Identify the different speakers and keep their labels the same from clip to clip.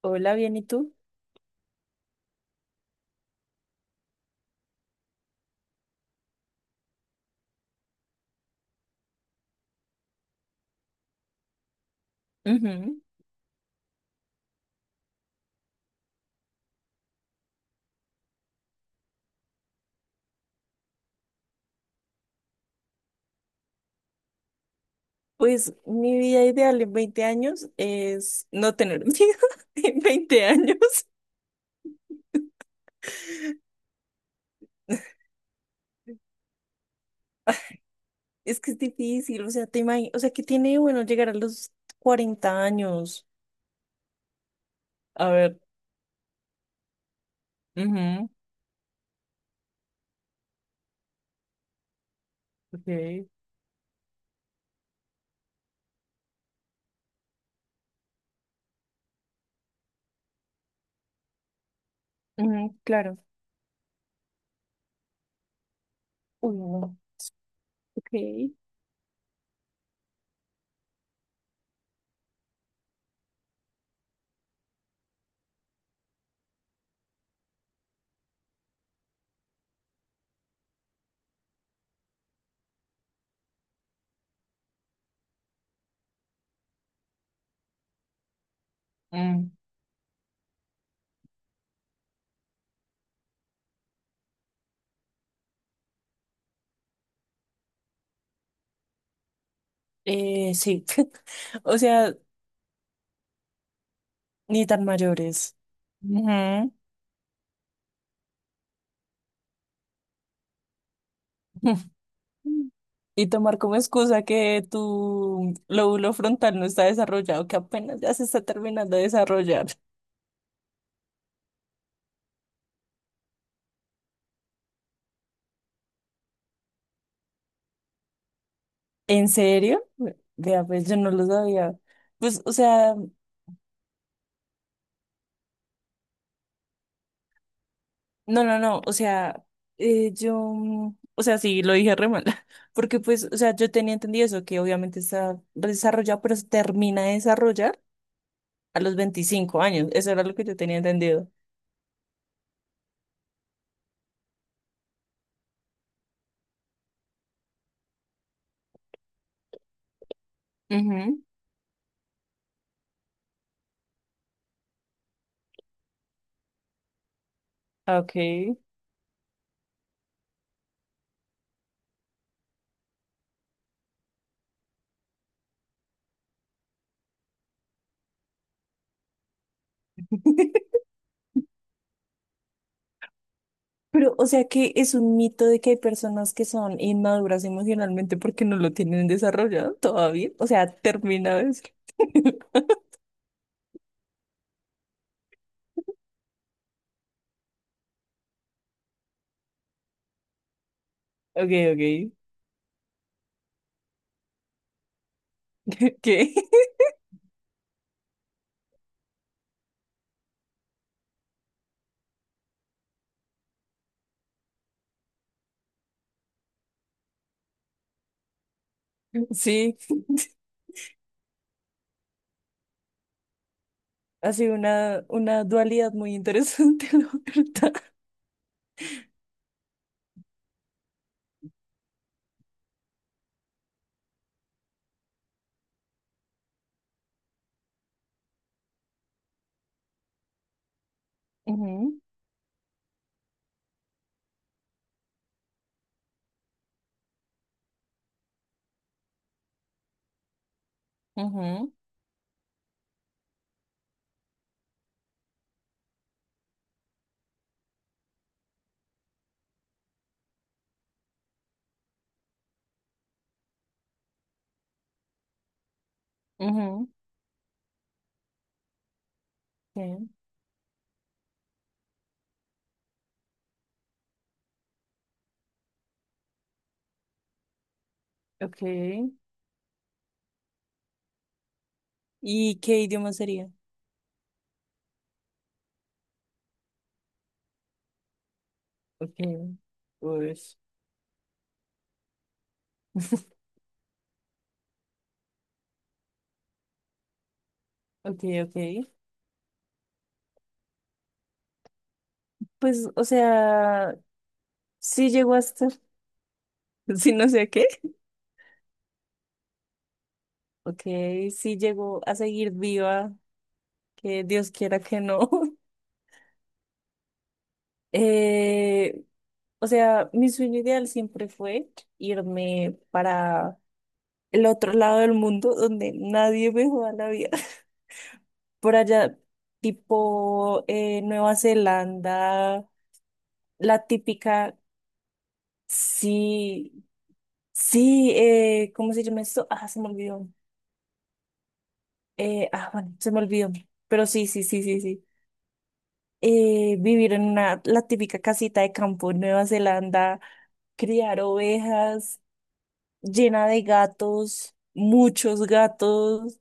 Speaker 1: Hola, bien, ¿y tú? Ujú. Pues mi vida ideal en 20 años es no tener miedo en 20 años. Es que es difícil, o sea, ¿qué tiene de bueno llegar a los 40 años? A ver. Ujú, ok, ujú, claro. Uy, no. Ok. Mm, sí. O sea, ni tan mayores. Ujú. Y tomar como excusa que tu lóbulo frontal no está desarrollado, que apenas ya se está terminando de desarrollar. ¿En serio? Vea, pues yo no lo sabía. Pues, o sea, no, no, no, o sea, yo, o sea, sí, lo dije re mal, porque pues, o sea, yo tenía entendido eso, que obviamente está desarrollado, pero se termina de desarrollar a los 25 años, eso era lo que yo tenía entendido. Ujú. Ok. Pero, o sea que es un mito de que hay personas que son inmaduras emocionalmente porque no lo tienen desarrollado todavía. O sea, termina de decir. Ok, ok. ¿Qué? Sí, ha sido una dualidad muy interesante, la verdad. Ujú, ujú, ujú. Sí, ok. ¿Y qué idioma sería? Ok, pues, ok, ok. Pues, o sea, sí llegó a estar, sí no sé a qué. Ok, sí llegó a seguir viva, que Dios quiera que no. Eh, o sea, mi sueño ideal siempre fue irme para el otro lado del mundo donde nadie me joda la vida. Por allá, tipo Nueva Zelanda, la típica, sí. Sí, ¿cómo se llama esto? Ah, se me olvidó. Ah, bueno, se me olvidó. Pero sí, sí, sí, sí, sí. Vivir en la típica casita de campo en Nueva Zelanda, criar ovejas, llena de gatos, muchos gatos,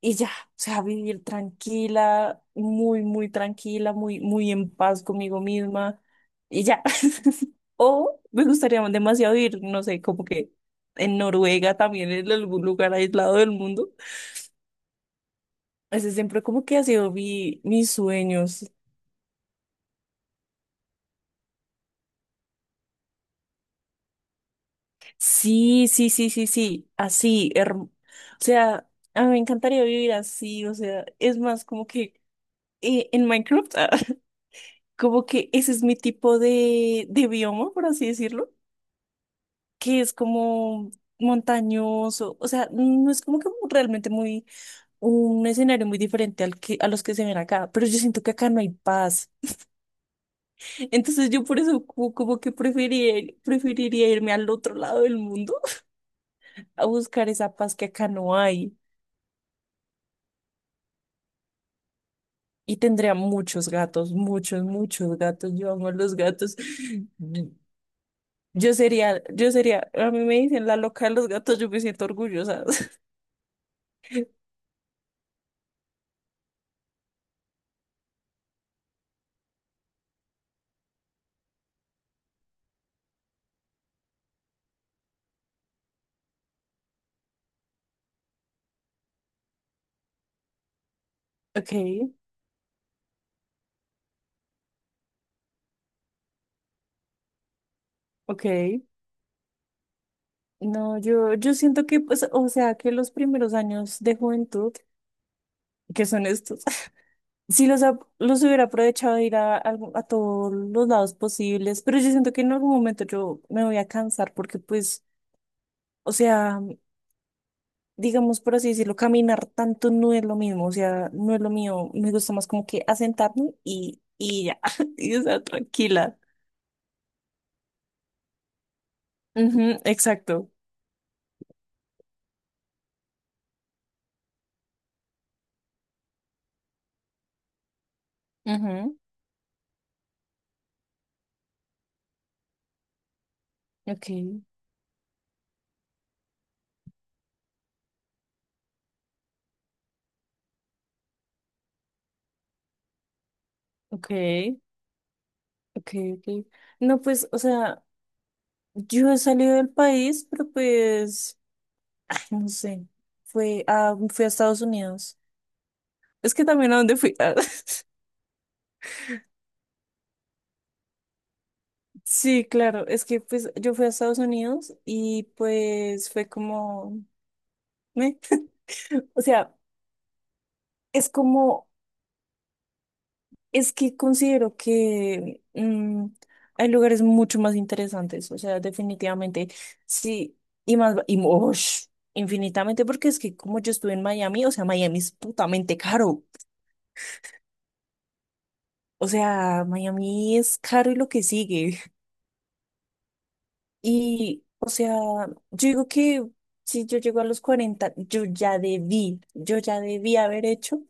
Speaker 1: y ya, o sea, vivir tranquila, muy, muy en paz conmigo misma, y ya. O me gustaría demasiado ir, no sé, como que en Noruega también, en algún lugar aislado del mundo. Ese siempre como que ha sido mis sueños. Sí, sí, sí, sí, sí, así, o sea, a mí me encantaría vivir así, o sea, es más como que en Minecraft, ah, como que ese es mi tipo de bioma, por así decirlo, que es como montañoso, o sea, no es como que realmente muy un escenario muy diferente al que, a los que se ven acá, pero yo siento que acá no hay paz. Entonces yo por eso como, que preferiría irme al otro lado del mundo a buscar esa paz que acá no hay. Y tendría muchos gatos, muchos, muchos gatos. Yo amo a los gatos. A mí me dicen la loca de los gatos, yo me siento orgullosa. Ok, ok. No, yo siento que, pues, o sea, que los primeros años de juventud, que son estos, sí los hubiera aprovechado de ir a todos los lados posibles, pero yo siento que en algún momento yo me voy a cansar porque, pues, o sea, digamos por así decirlo, caminar tanto no es lo mismo, o sea, no es lo mío, me gusta más como que asentarme y ya, y estar tranquila. Ujú, exacto. Ujú, ok, ok, ok, ok. No, pues, o sea, yo he salido del país, pero pues, no sé, fui a Estados Unidos. Es que también a dónde fui. Ah, sí, claro, es que pues yo fui a Estados Unidos y pues fue como, ¿me? O sea, es como Es que considero que hay lugares mucho más interesantes, o sea, definitivamente, sí, y más, y mosh, infinitamente, porque es que como yo estuve en Miami, o sea, Miami es putamente caro, o sea, Miami es caro y lo que sigue, y, o sea, yo digo que si yo llego a los 40, yo ya debí haber hecho,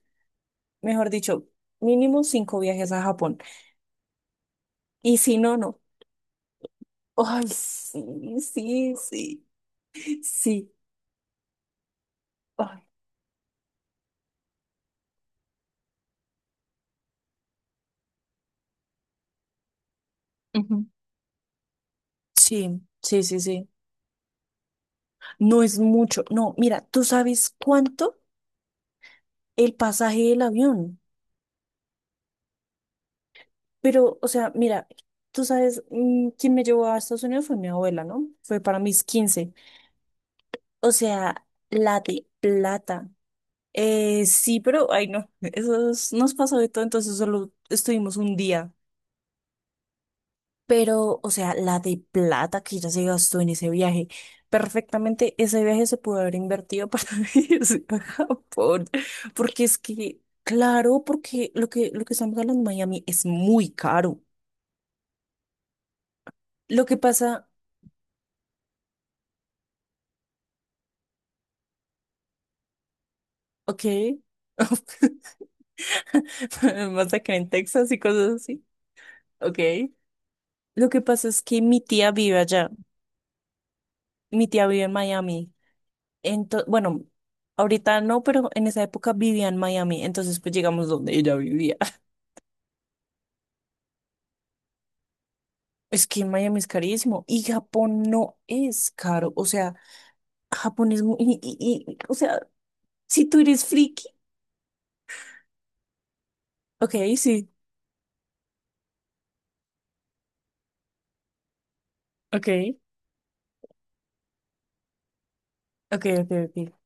Speaker 1: mejor dicho, mínimo cinco viajes a Japón, y si no, no. Ay, sí, sí, sí. Sí. Ay. Ujú. Sí, sí, sí, sí. No es mucho. No, mira, tú sabes cuánto el pasaje del avión. Pero, o sea, mira, tú sabes, quien me llevó a Estados Unidos fue mi abuela, ¿no? Fue para mis 15. O sea, la de plata. Sí, pero, ay, no, nos pasó de todo, entonces solo estuvimos un día. Pero, o sea, la de plata que ya se gastó en ese viaje, perfectamente ese viaje se pudo haber invertido para irse a Japón, porque es que, claro, porque lo que estamos hablando en Miami es muy caro. Lo que pasa, ok, más acá en Texas y cosas así, ok. Lo que pasa es que mi tía vive allá, mi tía vive en Miami, entonces, bueno, ahorita no, pero en esa época vivía en Miami, entonces pues llegamos donde ella vivía. Es que Miami es carísimo y Japón no es caro. O sea, Japón es muy... o sea, si tú eres friki, ok, sí, ok, ok, ok, ok.